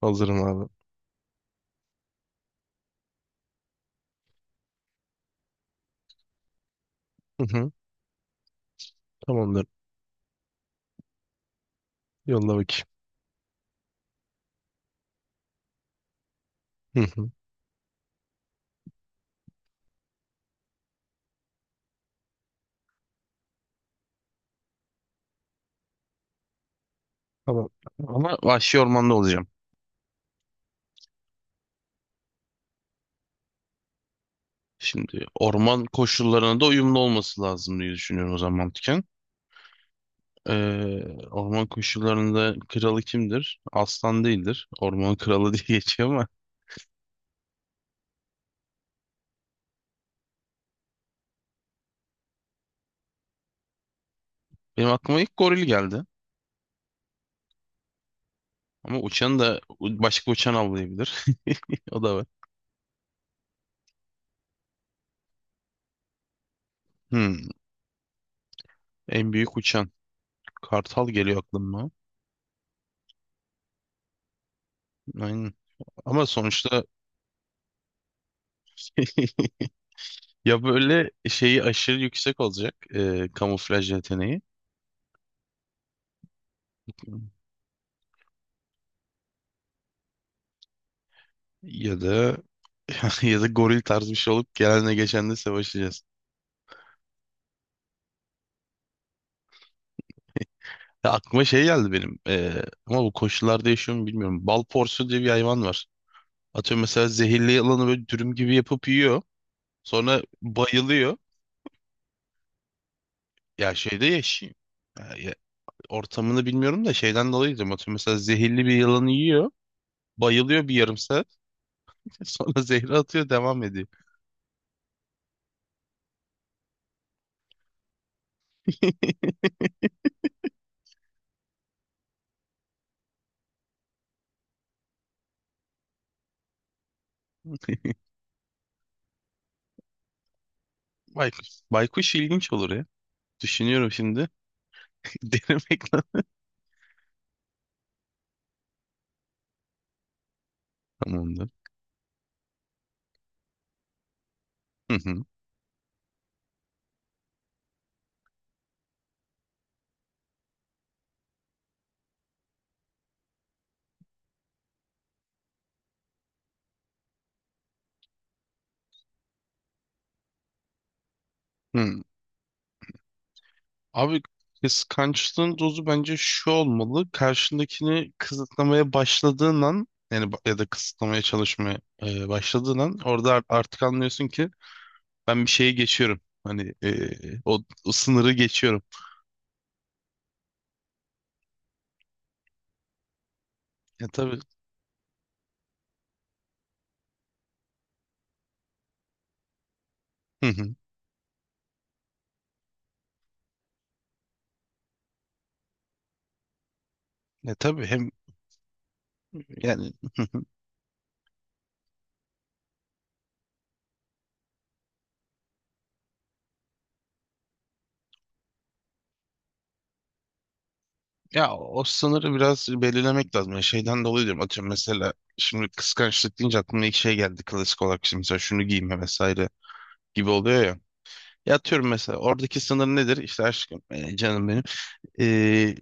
Hazırım abi. Hı hı. Tamamdır. Yolla bakayım. Hı hı. Tamam. Ama vahşi ormanda olacağım. Şimdi orman koşullarına da uyumlu olması lazım diye düşünüyorum o zaman mantıken. Ee, Orman koşullarında kralı kimdir? Aslan değildir. Ormanın kralı diye geçiyor ama benim aklıma ilk goril geldi. Ama uçan da başka uçan avlayabilir. O da var. Hmm, En büyük uçan. Kartal geliyor aklıma. Aynen. Ama sonuçta ya böyle şeyi aşırı yüksek olacak, kamuflaj yeteneği ya da ya da goril tarzı bir şey olup gelenle geçenle savaşacağız. Ya aklıma şey geldi benim, ama bu koşullarda yaşıyor mu bilmiyorum. Bal porsu diye bir hayvan var. Atıyorum mesela zehirli yılanı böyle dürüm gibi yapıp yiyor. Sonra bayılıyor. Ya şeyde yaşıyor. Ya ortamını bilmiyorum da şeyden dolayı diyorum. Atıyorum mesela zehirli bir yılanı yiyor. Bayılıyor bir yarım saat. Sonra zehri atıyor, devam ediyor. Baykuş, baykuş ilginç olur ya. Düşünüyorum şimdi. Denemek lazım. Hı hı. Hı. Abi kıskançlığın dozu bence şu olmalı. Karşındakini kısıtlamaya başladığın an, yani ya da kısıtlamaya çalışmaya başladığın an orada artık anlıyorsun ki ben bir şeye geçiyorum. Hani, o sınırı geçiyorum. Ya tabii. Hı hı. Ya tabii hem yani ya o sınırı biraz belirlemek lazım. Yani şeyden dolayı diyorum, atıyorum mesela şimdi kıskançlık deyince aklıma ilk şey geldi klasik olarak, şimdi mesela şunu giyme vesaire gibi oluyor ya. Ya atıyorum mesela oradaki sınır nedir? İşte aşkım, canım benim. E,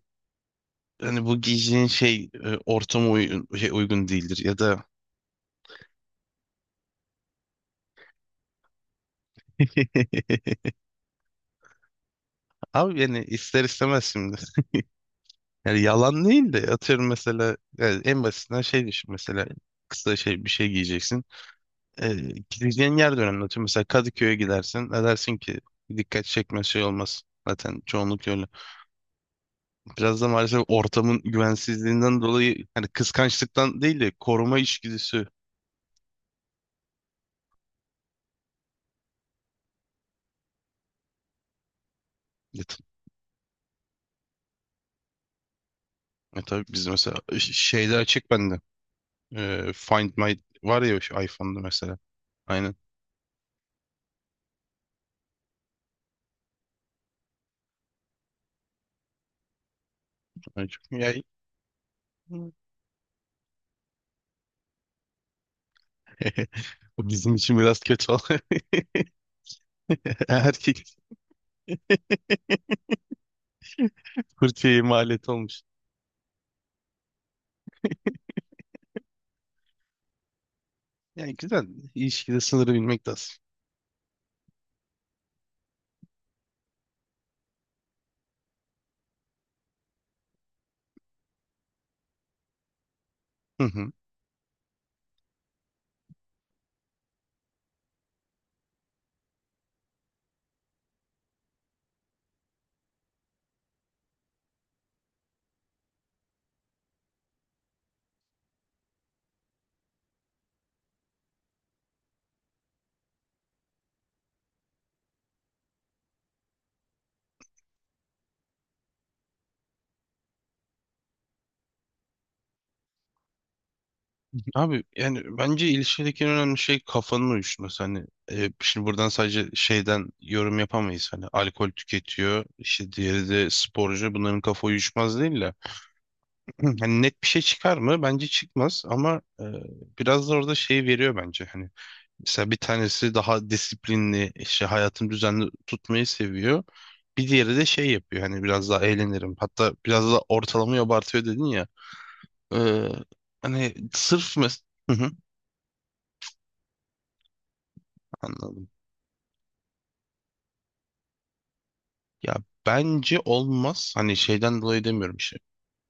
Hani bu giyeceğin şey, ortama uygun, şey, uygun değildir ya da abi yani ister istemez şimdi. Yani yalan değil de atıyorum mesela yani en basitinden şey düşün mesela, kısa şey bir şey giyeceksin. E, Gideceğin yer de önemli. Atıyorum mesela Kadıköy'e gidersin. Ne dersin ki dikkat çekme şey olmaz. Zaten çoğunluk öyle. Biraz da maalesef ortamın güvensizliğinden dolayı, hani kıskançlıktan değil de koruma içgüdüsü. Ya, t- ya tabii biz mesela şeyde açık bende. Find My var ya şu iPhone'da mesela. Aynen. Açık. Ya, o bizim için biraz kötü oldu. Erkek fırçaya maliyet olmuş. Yani güzel. İlişkide sınırı bilmek lazım. Hı hı. Abi yani bence ilişkideki en önemli şey kafanın uyuşması. Hani, şimdi buradan sadece şeyden yorum yapamayız. Hani alkol tüketiyor, işte diğeri de sporcu. Bunların kafa uyuşmaz değil de. Hani net bir şey çıkar mı? Bence çıkmaz, ama biraz da orada şey veriyor bence. Hani mesela bir tanesi daha disiplinli, işte hayatını düzenli tutmayı seviyor. Bir diğeri de şey yapıyor. Hani biraz daha eğlenirim. Hatta biraz da ortalamayı abartıyor dedin ya. E, Hani sırf Hı hı, anladım. Ya bence olmaz. Hani şeyden dolayı demiyorum işte.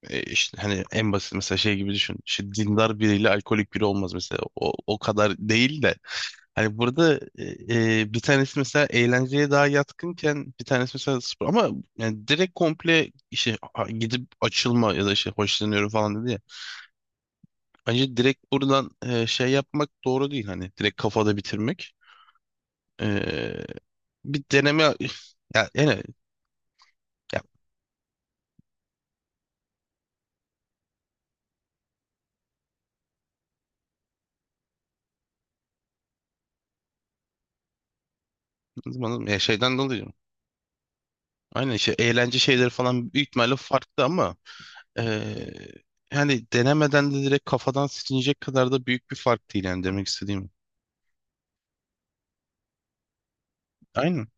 İşte hani en basit mesela şey gibi düşün. İşte dindar biriyle alkolik biri olmaz mesela. O kadar değil de. Hani burada e, bir tanesi mesela eğlenceye daha yatkınken bir tanesi mesela spor. Ama yani direkt komple işte gidip açılma ya da işte hoşlanıyorum falan dedi ya. Bence direkt buradan şey yapmak doğru değil. Hani direkt kafada bitirmek. E, Bir deneme ya, yani ya, ya şeyden dolayı. Aynen işte eğlence şeyleri falan büyük ihtimalle farklı, ama eee, yani denemeden de direkt kafadan silinecek kadar da büyük bir fark değil yani demek istediğim. Aynen.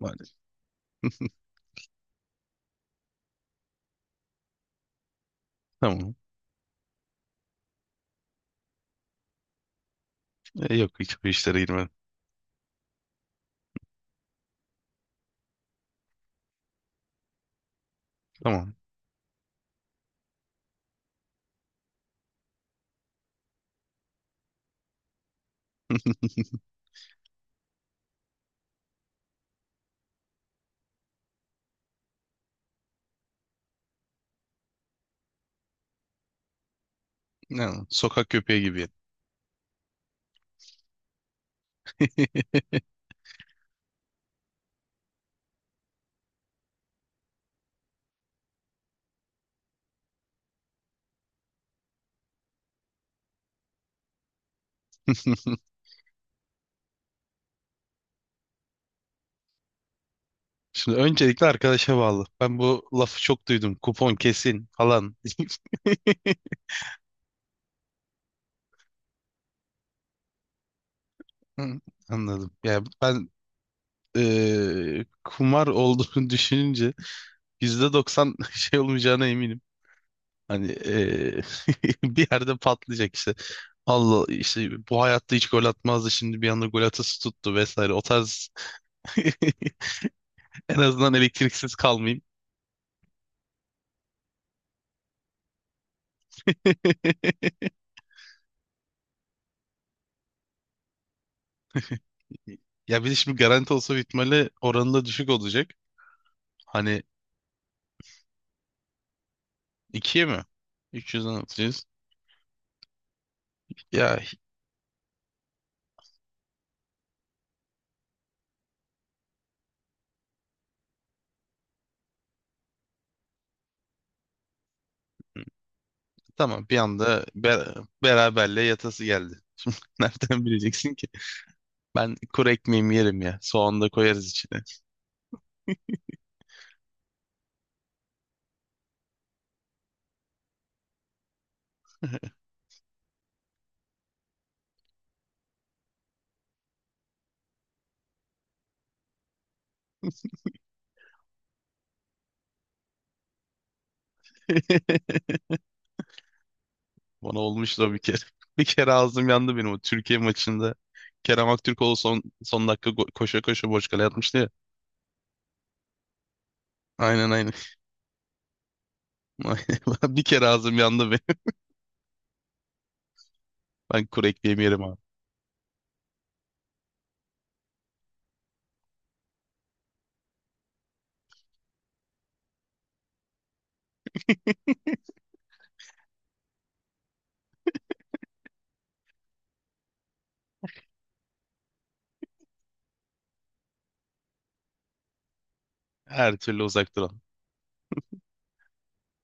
Maalesef. Tamam. Yok, hiç bu işlere girmedim. Tamam. Yani sokak köpeği gibi. Şimdi öncelikle arkadaşa bağlı. Ben bu lafı çok duydum. Kupon kesin falan. Hı, anladım. Yani ben, kumar olduğunu düşününce %90 şey olmayacağına eminim. Hani, bir yerde patlayacak işte. Allah işte bu hayatta hiç gol atmazdı, şimdi bir anda gol atası tuttu vesaire. O tarz en azından elektriksiz kalmayayım. Ya bir de şimdi garanti olsa bitmeli oranı da düşük olacak. Hani ikiye mi? 300'den atacağız. Ya hi- tamam bir anda beraberle yatası geldi. Nereden bileceksin ki? Ben kuru ekmeğimi yerim ya. Soğan da koyarız içine. Bana olmuştu o bir kere. Bir kere ağzım yandı benim o Türkiye maçında. Kerem Aktürkoğlu son dakika koşa koşa boş kale atmıştı ya. Aynen aynen. Aynen. Bir kere ağzım yandı benim. Ben kuru ekmeğimi yerim abi. Her türlü uzak duran.